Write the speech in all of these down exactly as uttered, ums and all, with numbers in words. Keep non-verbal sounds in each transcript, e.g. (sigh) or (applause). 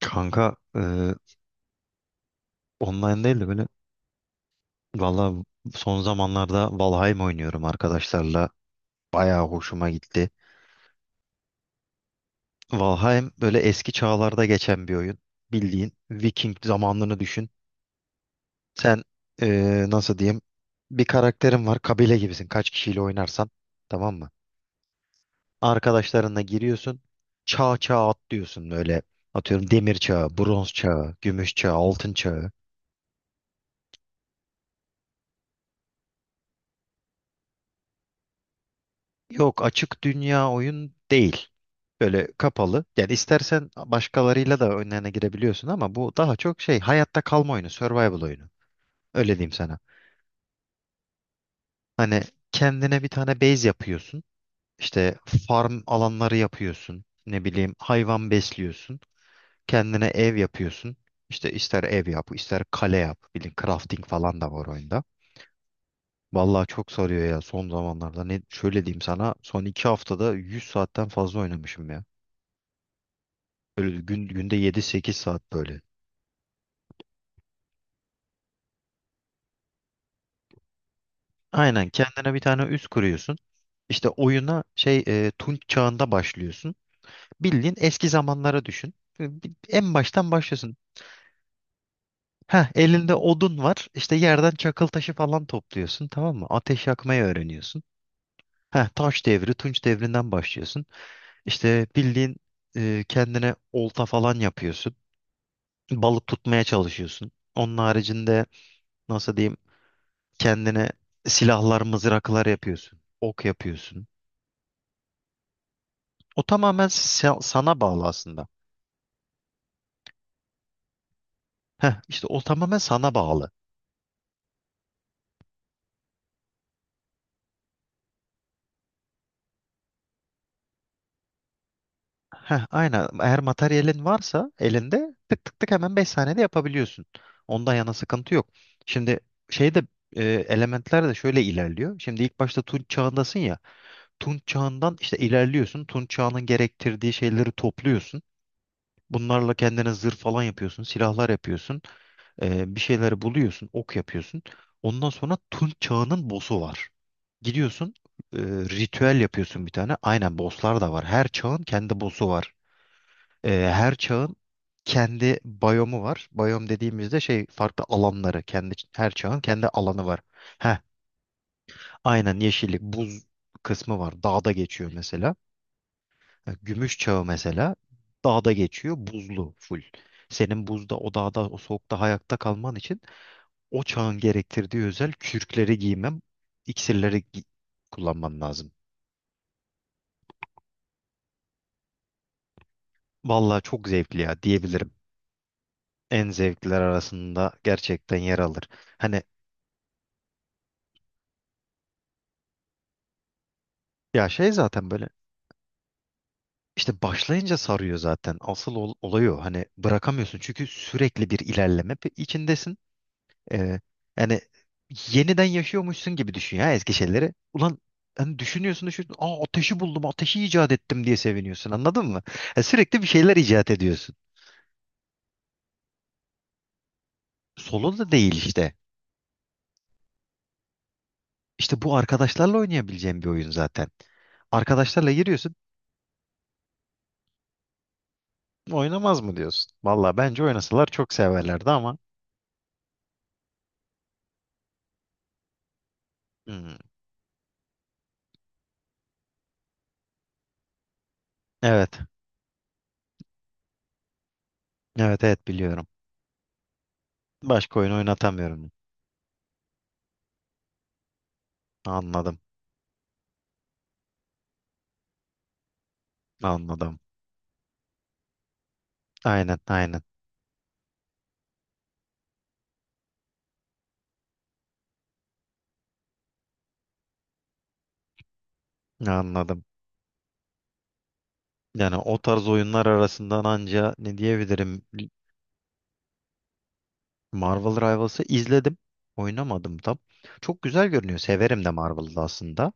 Kanka, e, online değil de böyle, valla, son zamanlarda Valheim oynuyorum arkadaşlarla. Bayağı hoşuma gitti. Valheim böyle eski çağlarda geçen bir oyun. Bildiğin Viking zamanlarını düşün. Sen, e, nasıl diyeyim, bir karakterin var, kabile gibisin kaç kişiyle oynarsan, tamam mı? Arkadaşlarınla giriyorsun, çağ çağ atlıyorsun böyle, atıyorum demir çağı, bronz çağı, gümüş çağı, altın çağı. Yok, açık dünya oyun değil. Böyle kapalı. Yani istersen başkalarıyla da önlerine girebiliyorsun ama bu daha çok şey, hayatta kalma oyunu, survival oyunu. Öyle diyeyim sana. Hani kendine bir tane base yapıyorsun. İşte farm alanları yapıyorsun. Ne bileyim, hayvan besliyorsun. Kendine ev yapıyorsun. İşte ister ev yap, ister kale yap. Bilin crafting falan da var oyunda. Vallahi çok sarıyor ya son zamanlarda. Ne şöyle diyeyim sana, son iki haftada yüz saatten fazla oynamışım ya. Böyle gün, günde yedi sekiz saat böyle. Aynen, kendine bir tane üs kuruyorsun. İşte oyuna, şey e, Tunç çağında başlıyorsun. Bildiğin eski zamanlara düşün. E, bi- En baştan başlıyorsun. Heh, elinde odun var. İşte yerden çakıl taşı falan topluyorsun, tamam mı? Ateş yakmayı öğreniyorsun. Heh, taş devri, Tunç devrinden başlıyorsun. İşte bildiğin, e, kendine olta falan yapıyorsun. Balık tutmaya çalışıyorsun. Onun haricinde, nasıl diyeyim, kendine silahlar, mızraklar yapıyorsun. Ok yapıyorsun. O tamamen sa- sana bağlı aslında. Heh, işte o tamamen sana bağlı. Heh, aynen. Eğer materyalin varsa elinde tık tık tık hemen beş saniyede yapabiliyorsun. Ondan yana sıkıntı yok. Şimdi, şeyde e, elementler de şöyle ilerliyor. Şimdi ilk başta Tunç çağındasın ya. Tunç çağından işte ilerliyorsun. Tunç çağının gerektirdiği şeyleri topluyorsun. Bunlarla kendine zırh falan yapıyorsun, silahlar yapıyorsun. Ee, bir şeyleri buluyorsun, ok yapıyorsun. Ondan sonra Tunç Çağı'nın boss'u var. Gidiyorsun, e, ritüel yapıyorsun bir tane. Aynen, boss'lar da var. Her çağın kendi boss'u var. Ee, her çağın kendi biyomu var. Biyom dediğimizde şey, farklı alanları, kendi, her çağın kendi alanı var. Heh, aynen, yeşillik, buz kısmı var. Dağda geçiyor mesela. Ha, Gümüş çağı mesela dağda geçiyor, buzlu full. Senin buzda, o dağda, o soğukta hayatta kalman için o çağın gerektirdiği özel kürkleri giymem, iksirleri gi- kullanmam lazım. Vallahi çok zevkli ya, diyebilirim. En zevkliler arasında gerçekten yer alır. Hani, ya şey zaten böyle, işte başlayınca sarıyor zaten. Asıl ol, olay o. Hani bırakamıyorsun çünkü sürekli bir ilerleme pe- içindesin. Ee, Yani, yeniden yaşıyormuşsun gibi düşün ya eski şeyleri. Ulan hani düşünüyorsun düşünüyorsun. Aa, ateşi buldum, ateşi icat ettim diye seviniyorsun. Anladın mı? Ya sürekli bir şeyler icat ediyorsun. Solo da değil işte. İşte bu arkadaşlarla oynayabileceğim bir oyun zaten. Arkadaşlarla giriyorsun, oynamaz mı diyorsun? Valla bence oynasalar çok severlerdi ama. Hmm, evet, evet, evet biliyorum. Başka oyun oynatamıyorum. Anladım, anladım. Aynen, aynen. Anladım. Yani o tarz oyunlar arasından anca ne diyebilirim? Marvel Rivals'ı izledim. Oynamadım tam. Çok güzel görünüyor. Severim de Marvel'ı aslında.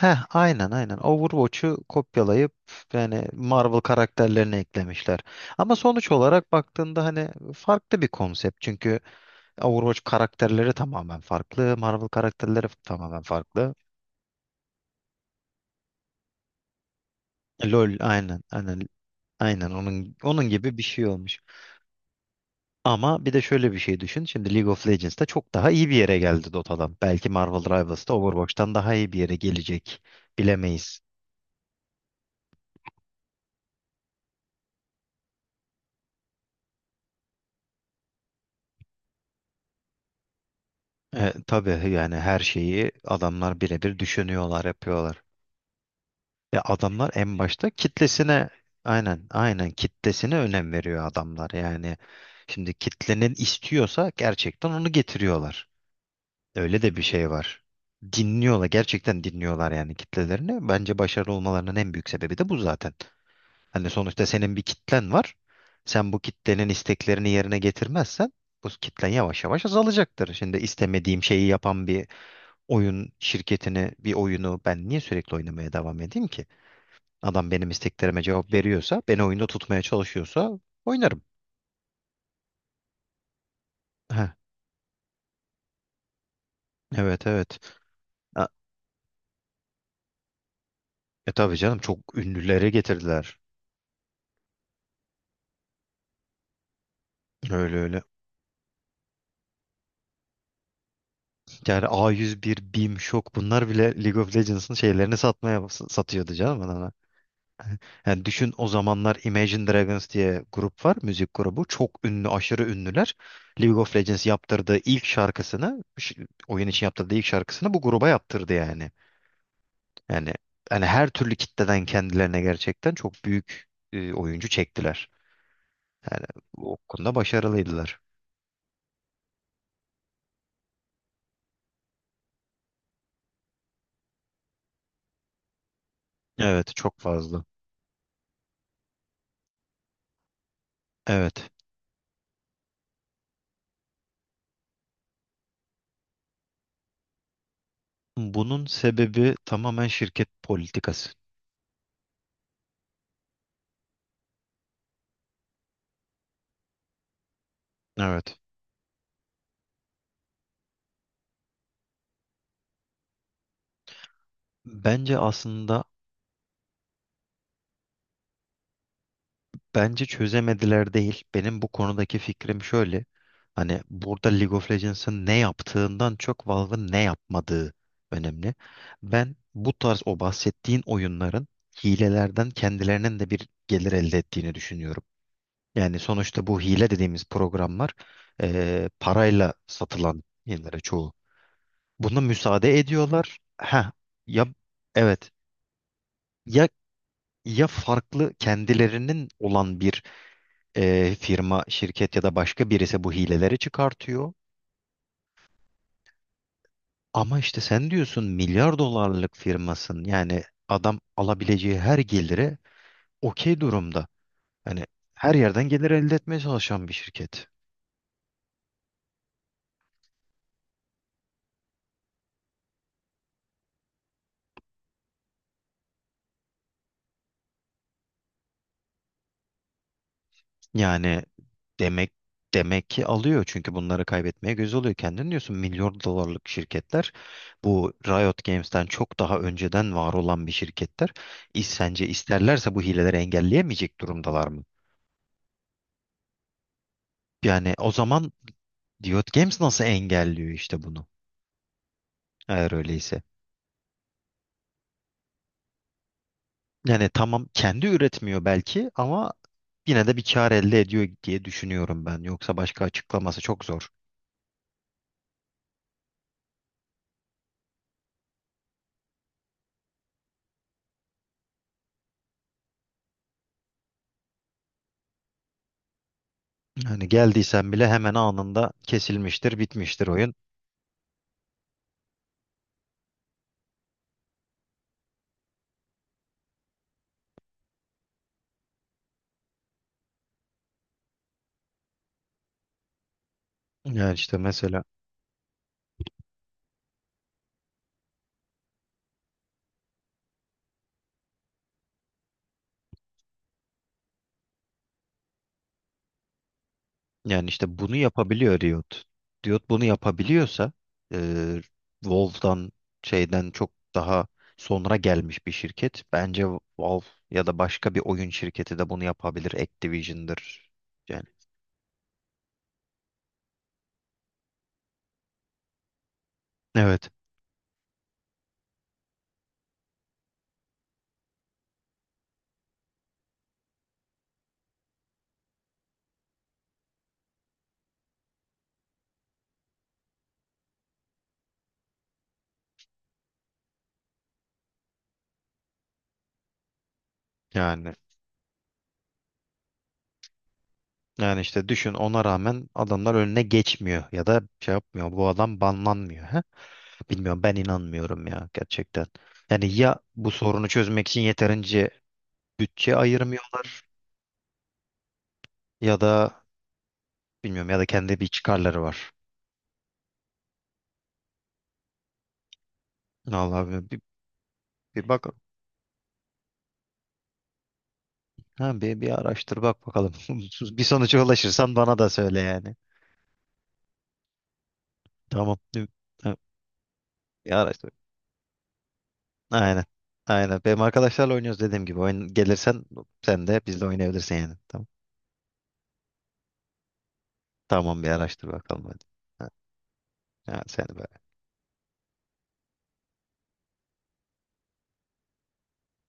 Heh, aynen, aynen. Overwatch'u kopyalayıp yani Marvel karakterlerini eklemişler. Ama sonuç olarak baktığında hani farklı bir konsept. Çünkü Overwatch karakterleri tamamen farklı, Marvel karakterleri tamamen farklı. LOL, aynen, aynen, aynen onun onun gibi bir şey olmuş. Ama bir de şöyle bir şey düşün. Şimdi League of Legends'ta çok daha iyi bir yere geldi Dota'dan. Belki Marvel Rivals'ta Overwatch'tan daha iyi bir yere gelecek. Bilemeyiz. E, tabii yani her şeyi adamlar birebir düşünüyorlar, yapıyorlar. E, adamlar en başta kitlesine, aynen, aynen kitlesine önem veriyor adamlar. Yani şimdi kitlenin istiyorsa gerçekten onu getiriyorlar. Öyle de bir şey var. Dinliyorlar, gerçekten dinliyorlar yani kitlelerini. Bence başarılı olmalarının en büyük sebebi de bu zaten. Hani sonuçta senin bir kitlen var. Sen bu kitlenin isteklerini yerine getirmezsen bu kitlen yavaş yavaş azalacaktır. Şimdi istemediğim şeyi yapan bir oyun şirketini, bir oyunu ben niye sürekli oynamaya devam edeyim ki? Adam benim isteklerime cevap veriyorsa, beni oyunda tutmaya çalışıyorsa oynarım. Heh, evet, evet. Ha, e tabii canım, çok ünlülere getirdiler. Öyle öyle. Yani a yüz bir, BIM, Shock bunlar bile League of Legends'ın şeylerini satmaya satıyordu canım adamlar. Yani düşün, o zamanlar Imagine Dragons diye grup var, müzik grubu. Çok ünlü, aşırı ünlüler. League of Legends yaptırdığı ilk şarkısını, ş- oyun için yaptırdığı ilk şarkısını bu gruba yaptırdı yani. Yani hani her türlü kitleden kendilerine gerçekten çok büyük, e, oyuncu çektiler. Yani o konuda başarılıydılar. Evet, çok fazla. Evet. Bunun sebebi tamamen şirket politikası. Evet. Bence aslında Bence çözemediler değil. Benim bu konudaki fikrim şöyle. Hani burada League of Legends'ın ne yaptığından çok Valve'ın ne yapmadığı önemli. Ben bu tarz o bahsettiğin oyunların hilelerden kendilerinin de bir gelir elde ettiğini düşünüyorum. Yani sonuçta bu hile dediğimiz programlar, eee, parayla satılan yerlere çoğu. Buna müsaade ediyorlar. Ha, ya evet, ya ya farklı kendilerinin olan bir, e, firma, şirket ya da başka birisi bu hileleri çıkartıyor. Ama işte sen diyorsun milyar dolarlık firmasın. Yani adam alabileceği her gelire okey durumda. Hani her yerden gelir elde etmeye çalışan bir şirket. Yani demek demek ki alıyor çünkü bunları kaybetmeye göz oluyor. Kendin diyorsun milyar dolarlık şirketler, bu Riot Games'ten çok daha önceden var olan bir şirketler. İs- Sence isterlerse bu hileleri engelleyemeyecek durumdalar mı? Yani o zaman Riot Games nasıl engelliyor işte bunu, eğer öyleyse. Yani tamam, kendi üretmiyor belki ama yine de bir kar elde ediyor diye düşünüyorum ben. Yoksa başka açıklaması çok zor. Yani geldiysen bile hemen anında kesilmiştir, bitmiştir oyun. Yani işte mesela Yani işte bunu yapabiliyor Riot. Riot bunu yapabiliyorsa, e, Valve'dan, şeyden çok daha sonra gelmiş bir şirket. Bence Valve ya da başka bir oyun şirketi de bunu yapabilir. Activision'dır. Yani, evet, yani yani işte düşün ona rağmen adamlar önüne geçmiyor ya da şey yapmıyor, bu adam banlanmıyor. Ha, bilmiyorum, ben inanmıyorum ya gerçekten. Yani ya bu sorunu çözmek için yeterince bütçe ayırmıyorlar ya da bilmiyorum, ya da kendi bir çıkarları var. Allah, bir, bir, bir bak. Ha, bir, bir araştır bak bakalım (laughs) bir sonuca ulaşırsan bana da söyle yani. Tamam. Ha, bir araştır. Aynen, aynen, benim arkadaşlarla oynuyoruz dediğim gibi oyun, gelirsen sen de bizle oynayabilirsin yani. Tamam. Tamam, bir araştır bakalım hadi. Ha, ha, seni be.